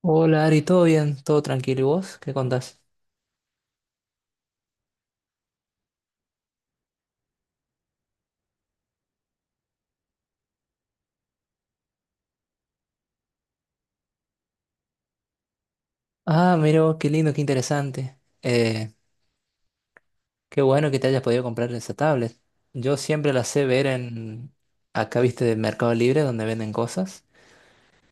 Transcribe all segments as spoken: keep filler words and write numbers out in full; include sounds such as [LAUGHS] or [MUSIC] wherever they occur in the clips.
Hola Ari, ¿todo bien? ¿Todo tranquilo? ¿Y vos? ¿Qué contás? Ah, mira, vos, qué lindo, qué interesante. Eh, qué bueno que te hayas podido comprar esa tablet. Yo siempre la sé ver en, acá viste, de Mercado Libre, donde venden cosas.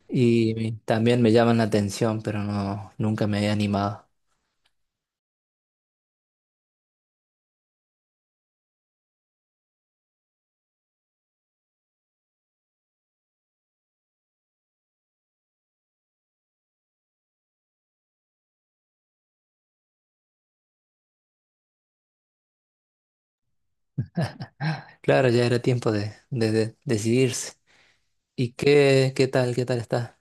Y también me llaman la atención, pero no, nunca me he animado. Claro, ya era tiempo de, de- de decidirse. ¿Y qué, qué tal, qué tal está?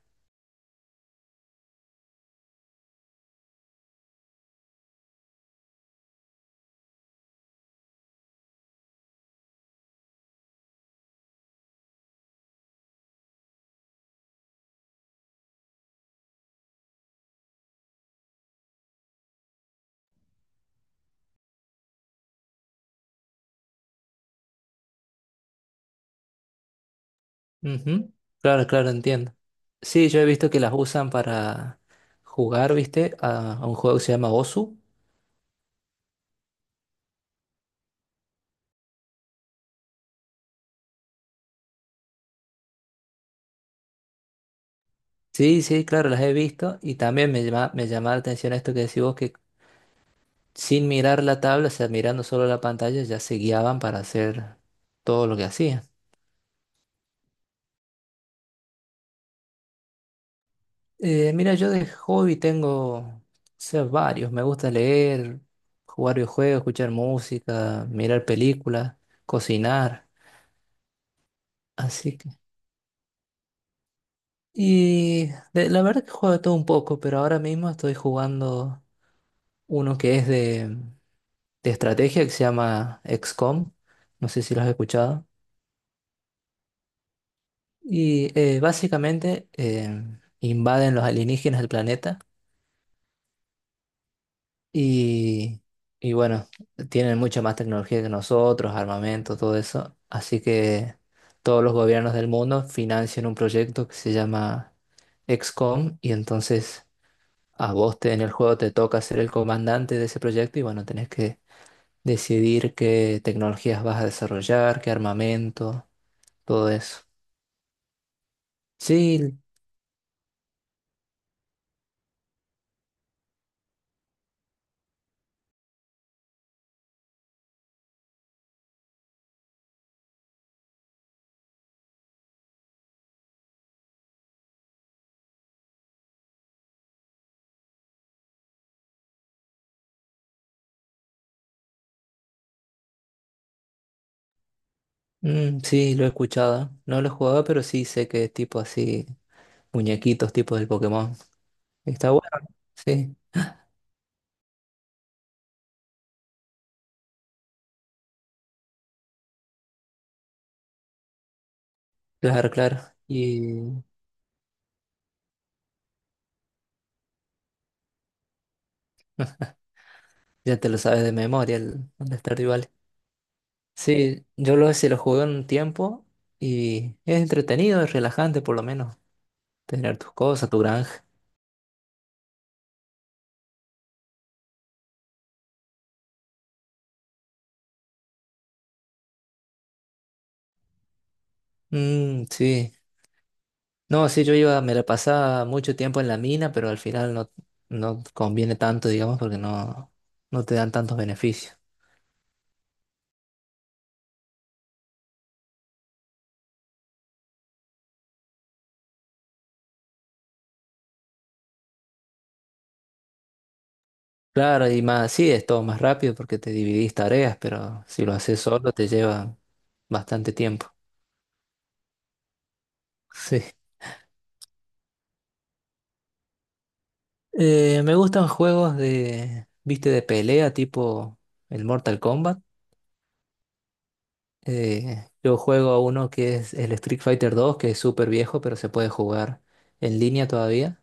Ujú. Claro, claro, entiendo. Sí, yo he visto que las usan para jugar, viste, a, a un juego que se llama Osu. Sí, sí, claro, las he visto y también me llama, me llama la atención esto que decís vos, que sin mirar la tabla, o sea, mirando solo la pantalla, ya se guiaban para hacer todo lo que hacían. Eh, mira, yo de hobby tengo, o sea, varios, me gusta leer, jugar videojuegos, escuchar música, mirar películas, cocinar, así que... Y de- la verdad que juego de todo un poco, pero ahora mismo estoy jugando uno que es de, de estrategia que se llama X com, no sé si lo has escuchado. Y eh, básicamente eh, invaden los alienígenas el planeta y, y bueno, tienen mucha más tecnología que nosotros, armamento, todo eso. Así que todos los gobiernos del mundo financian un proyecto que se llama X com, y entonces a vos te- en el juego te toca ser el comandante de ese proyecto y bueno, tenés que decidir qué tecnologías vas a desarrollar, qué armamento, todo eso. Sí. Mm, sí, lo he escuchado. No lo he jugado, pero sí sé que es tipo así, muñequitos tipo del Pokémon. Está bueno, ¿no? Sí, claro, claro. Y ya te lo sabes de memoria el, el Stardew Valley. Sí, yo lo, sí lo jugué un tiempo y es entretenido, es relajante por lo menos, tener tus cosas, tu granja. Mm, sí. No, sí, yo iba, me la pasaba mucho tiempo en la mina, pero al final no, no conviene tanto, digamos, porque no, no te dan tantos beneficios. Claro, y más, sí, es todo más rápido porque te dividís tareas, pero si lo haces solo te lleva bastante tiempo. [LAUGHS] Sí. Eh, me gustan juegos de, viste, de pelea tipo el Mortal Kombat. Eh, yo juego a uno que es el Street Fighter dos, que es súper viejo, pero se puede jugar en línea todavía.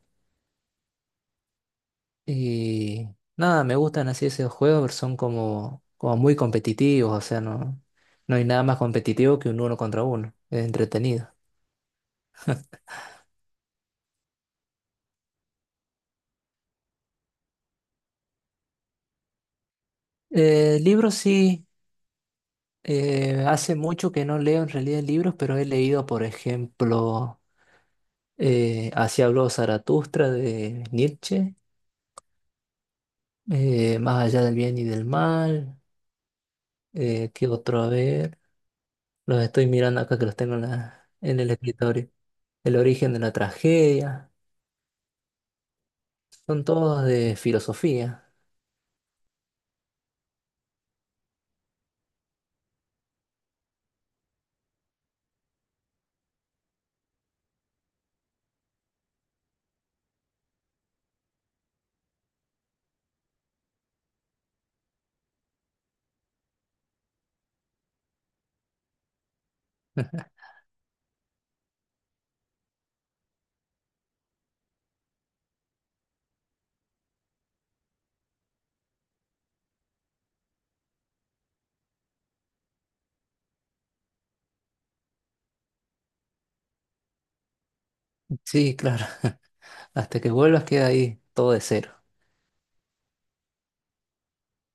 Y nada, me gustan así esos juegos, pero son como, como muy competitivos, o sea, no, no hay nada más competitivo que un uno contra uno. Es entretenido. Eh, libros sí. Eh, hace mucho que no leo en realidad libros, pero he leído, por ejemplo, eh, Así habló Zaratustra de Nietzsche, eh, Más allá del bien y del mal, eh, ¿qué otro? A ver, los estoy mirando acá que los tengo en, la- en el escritorio. El origen de la tragedia, son todos de filosofía. Sí, claro, [LAUGHS] hasta que vuelvas queda ahí todo de cero.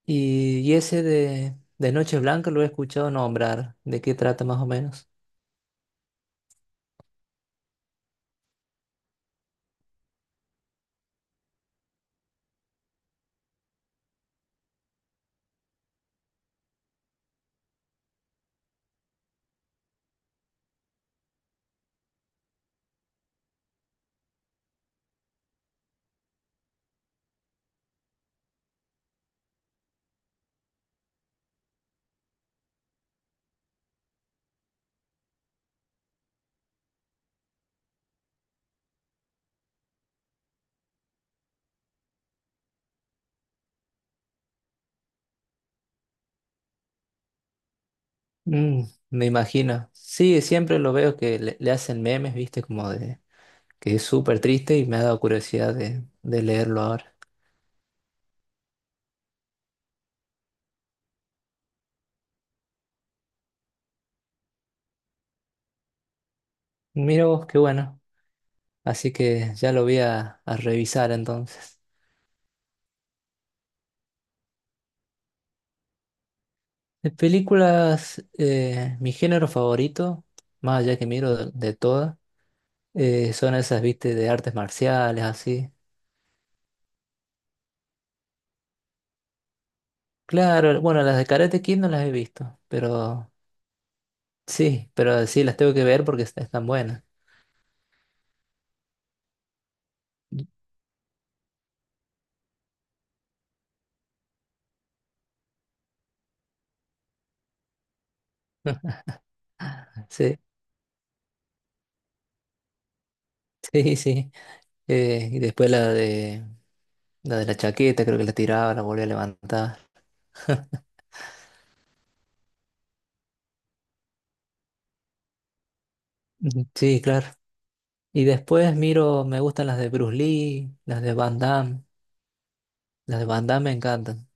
Y, y ese de, de Noche Blanca lo he escuchado nombrar, ¿de qué trata más o menos? Mm, me imagino. Sí, siempre lo veo que le, le hacen memes, viste, como de que es súper triste y me ha dado curiosidad de, de leerlo ahora. Mira vos, qué bueno. Así que ya lo voy a, a revisar entonces. De películas, eh, mi género favorito, más allá que miro de, de todas, eh, son esas, viste, de artes marciales, así. Claro, bueno, las de Karate Kid no las he visto, pero sí, pero sí las tengo que ver porque est- están buenas. [LAUGHS] Sí, sí, sí. Eh, y después la de la de la chaqueta, creo que la tiraba, la volvía a levantar. Ujú. Sí, claro. Y después miro, me gustan las de Bruce Lee, las de Van Damme. Las de Van Damme me encantan.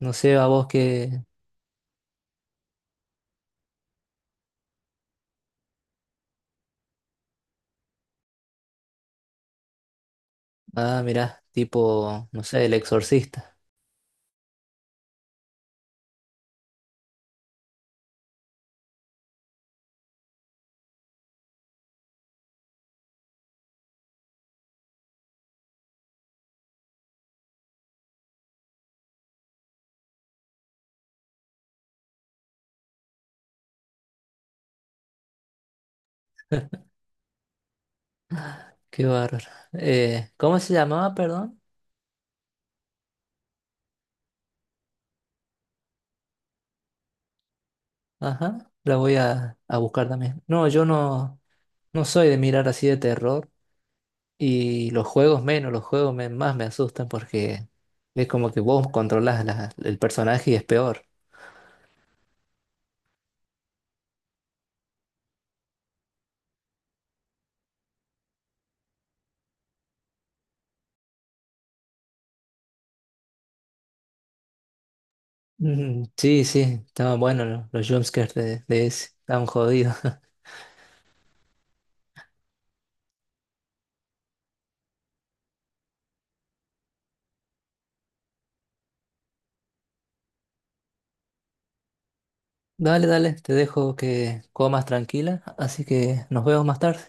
No sé a vos qué. Ah, mirá, tipo, no sé, El Exorcista. Qué bárbaro. Eh, ¿cómo se llamaba, perdón? Ajá, la voy a, a buscar también. No, yo no, no soy de mirar así de terror. Y los juegos menos, los juegos me- más me asustan porque es como que vos controlás la- el personaje y es peor. Mm, sí, sí, estaban buenos lo- los jumpscares de, de ese, estaban jodidos. [LAUGHS] Dale, dale, te dejo que comas tranquila, así que nos vemos más tarde.